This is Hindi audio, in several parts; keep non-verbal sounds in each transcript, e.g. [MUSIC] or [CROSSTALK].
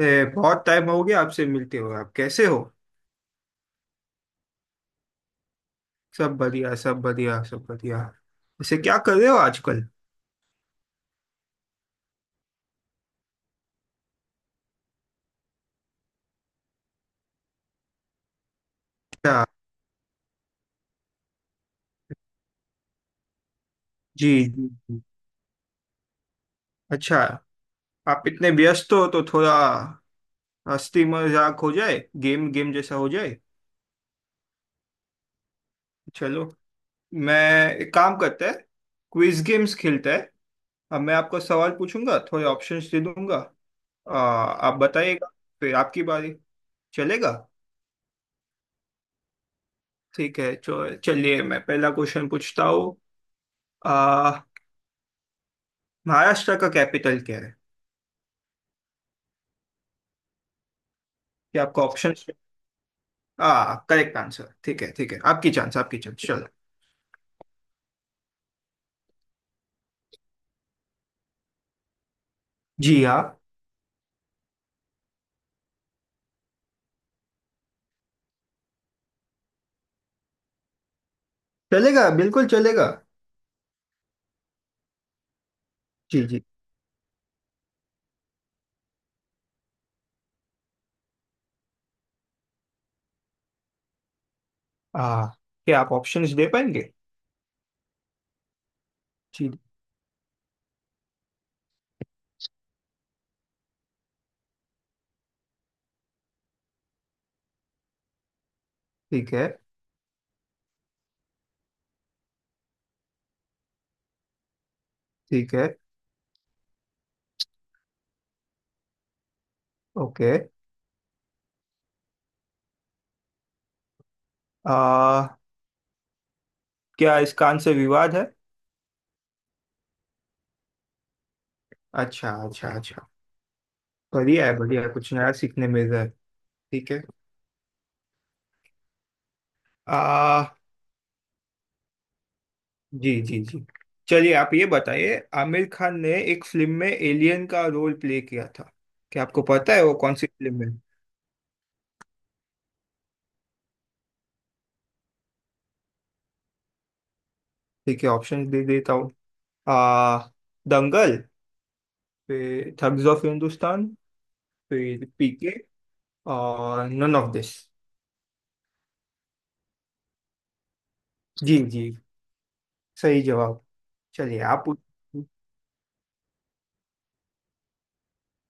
ए, बहुत टाइम हो गया आपसे मिलते हुए, आप कैसे हो? सब बढ़िया, सब बढ़िया, सब बढ़िया। वैसे क्या कर रहे हो आजकल? अच्छा। जी, जी जी। अच्छा, आप इतने व्यस्त हो तो थोड़ा हंसी मजाक हो जाए, गेम गेम जैसा हो जाए। चलो, मैं एक काम करते हैं, क्विज गेम्स खेलते हैं। अब मैं आपको सवाल पूछूंगा, थोड़े ऑप्शंस दे दूंगा, आप बताइएगा। फिर आपकी बारी। चलेगा? ठीक है, चलिए मैं पहला क्वेश्चन पूछता हूँ। महाराष्ट्र का कैपिटल क्या है? क्या आपका ऑप्शन? आ करेक्ट आंसर। ठीक है, ठीक है। आपकी चांस, आपकी चांस, चलो। जी हाँ। चलेगा, बिल्कुल चलेगा। जी जी। आ क्या आप ऑप्शंस दे पाएंगे? जी। ठीक है, ठीक है। ओके। आ क्या इसका आंसर विवाद है? अच्छा, अच्छा, अच्छा। बढ़िया है, बढ़िया है, कुछ नया सीखने मिल रहा है। ठीक है। आ जी जी जी। चलिए, आप ये बताइए, आमिर खान ने एक फिल्म में एलियन का रोल प्ले किया था। क्या आपको पता है वो कौन सी फिल्म है? ठीक है, ऑप्शन दे देता हूँ। आ दंगल, फिर थग्स ऑफ हिंदुस्तान, फिर पीके, और नन ऑफ दिस। जी जी, सही जवाब। चलिए, आप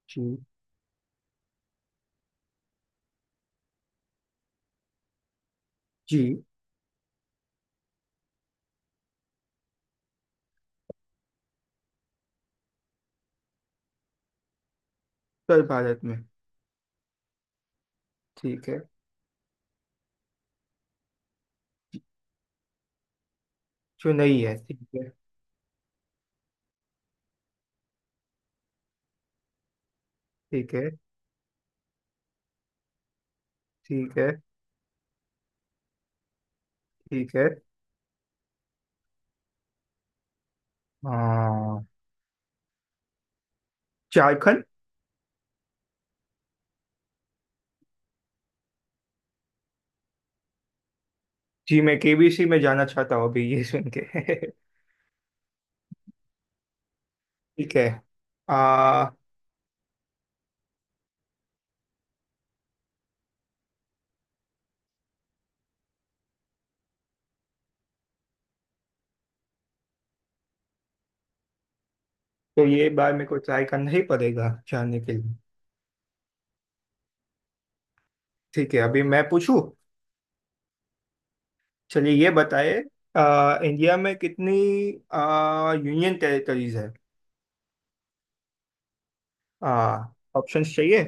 जी जी। उत्तर भारत में, ठीक है, जो नहीं है, ठीक है, ठीक है, ठीक है, ठीक है। हाँ, झारखंड। जी, मैं केबीसी में जाना चाहता हूँ अभी ये सुन के [LAUGHS] ठीक है। आ तो ये बार मेरे को ट्राई करना ही पड़ेगा जानने के लिए। ठीक है, अभी मैं पूछूं। चलिए, ये बताइए, इंडिया में कितनी यूनियन टेरिटरीज है? ऑप्शंस चाहिए?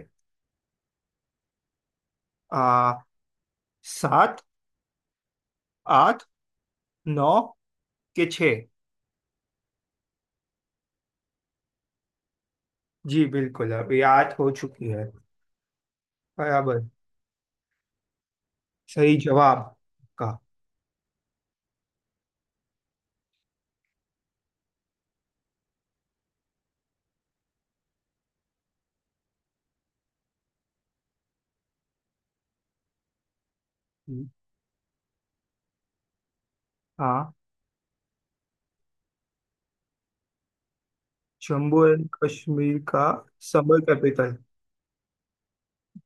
आ, सात, आठ, नौ, के छः। जी बिल्कुल, अभी 8 हो चुकी है, बराबर। सही जवाब का। हाँ, जम्मू एंड कश्मीर का समर कैपिटल।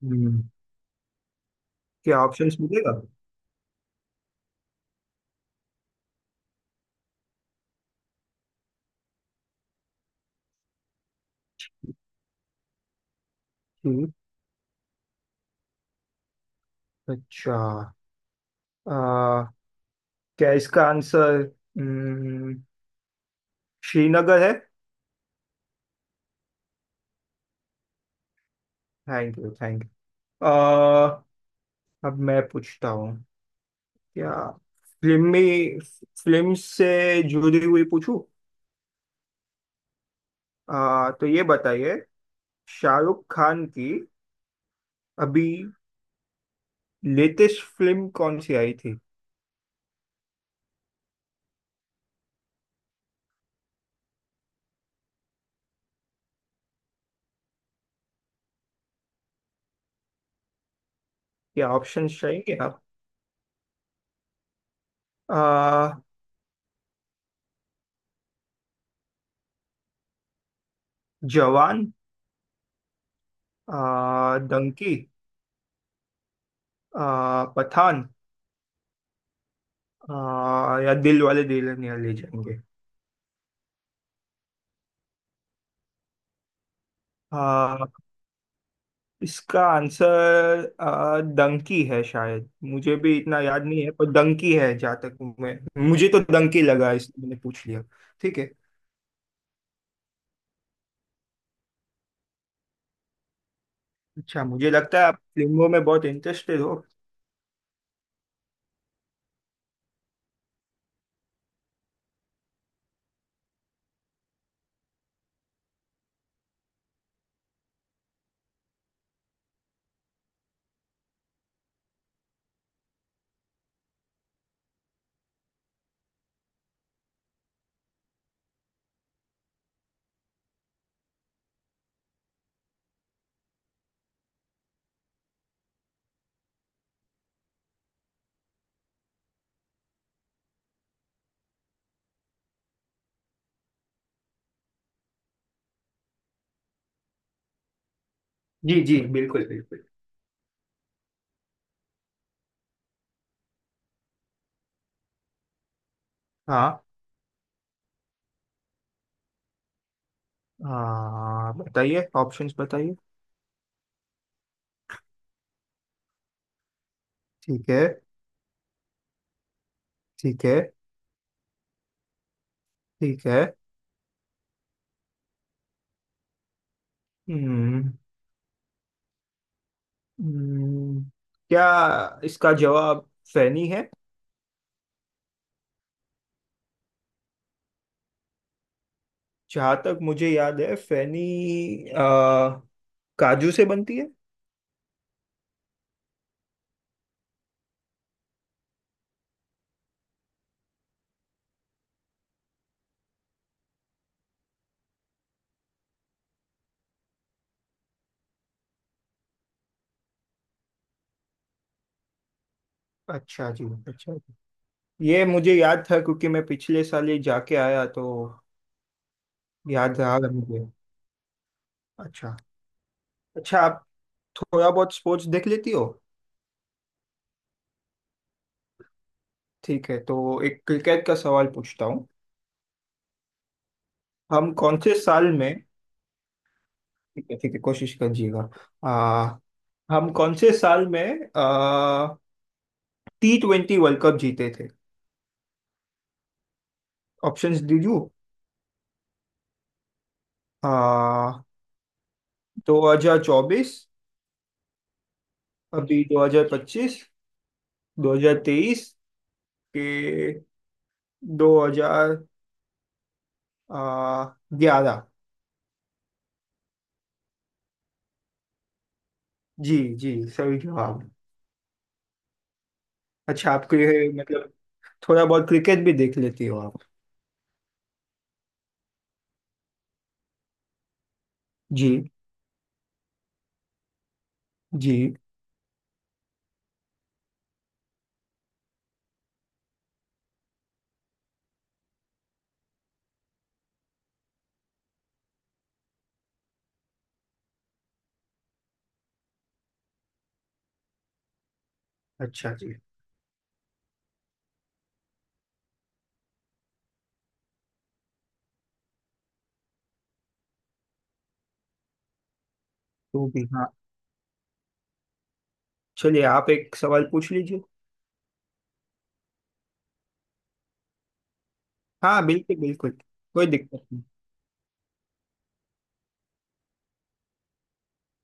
हम्म। क्या ऑप्शंस मिलेगा? हम्म। अच्छा। आ, क्या इसका आंसर हम्म, श्रीनगर है? Thank you, thank you. अब मैं पूछता हूँ। क्या फिल्म में फिल्म से जुड़ी हुई पूछूं? तो ये बताइए, शाहरुख खान की अभी लेटेस्ट फिल्म कौन सी आई थी? क्या ऑप्शन चाहिए आप? आ, जवान, डंकी, पठान, या दिल वाले दुल्हनिया ले जाएंगे। आ, इसका आंसर डंकी है शायद, मुझे भी इतना याद नहीं है, पर डंकी है जहाँ तक मैं। मुझे तो डंकी लगा, इसलिए मैंने पूछ लिया। ठीक है। अच्छा, मुझे लगता है आप फिल्मों में बहुत इंटरेस्टेड हो। जी जी, बिल्कुल बिल्कुल। हाँ हाँ, बताइए, ऑप्शंस बताइए। ठीक है, ठीक है, ठीक है। हम्म हम्म, क्या इसका जवाब फैनी है? जहाँ तक मुझे याद है, फैनी अ, काजू से बनती है। अच्छा जी, अच्छा जी। ये मुझे याद था क्योंकि मैं पिछले साल ये जाके आया तो याद रहा मुझे। अच्छा। अच्छा, आप थोड़ा बहुत स्पोर्ट्स देख लेती हो? ठीक है, तो एक क्रिकेट का सवाल पूछता हूँ। हम कौन से साल में। ठीक है, ठीक है, कोशिश करिएगा। आ, हम कौन से साल में T20 वर्ल्ड कप जीते थे? ऑप्शंस दीजू। आ, 2024, अभी 2025, 2023, के 2027, आ, 11। जी जी, सही जवाब। अच्छा, आपको ये मतलब थोड़ा बहुत क्रिकेट भी देख लेती हो आप? जी। जी, अच्छा जी। तो भी, हाँ। चलिए, आप एक सवाल पूछ लीजिए। हाँ बिल्कुल बिल्कुल। कोई दिक्कत नहीं।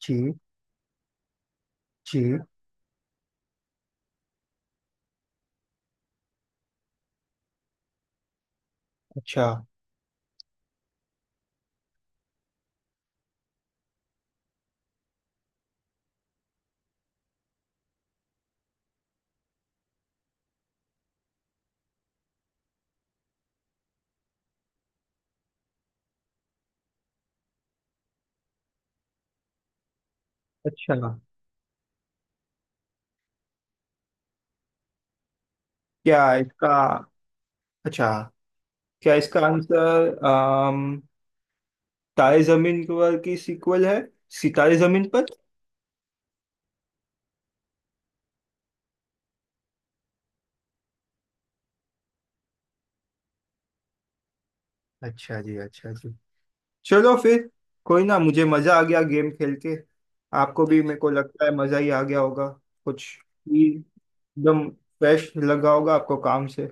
जी जी। अच्छा। अच्छा, क्या इसका अच्छा, क्या इसका आंसर तारे जमीन पर की सीक्वल है? सितारे जमीन पर। अच्छा जी, अच्छा जी। चलो फिर। कोई ना, मुझे मजा आ गया गेम खेल के। आपको भी, ठीक, मेरे को लगता है मजा ही आ गया होगा। कुछ भी एकदम फ्रेश लगा होगा आपको काम से।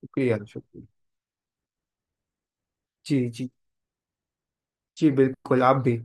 शुक्रिया, शुक्रिया। जी जी। जी बिल्कुल, आप भी।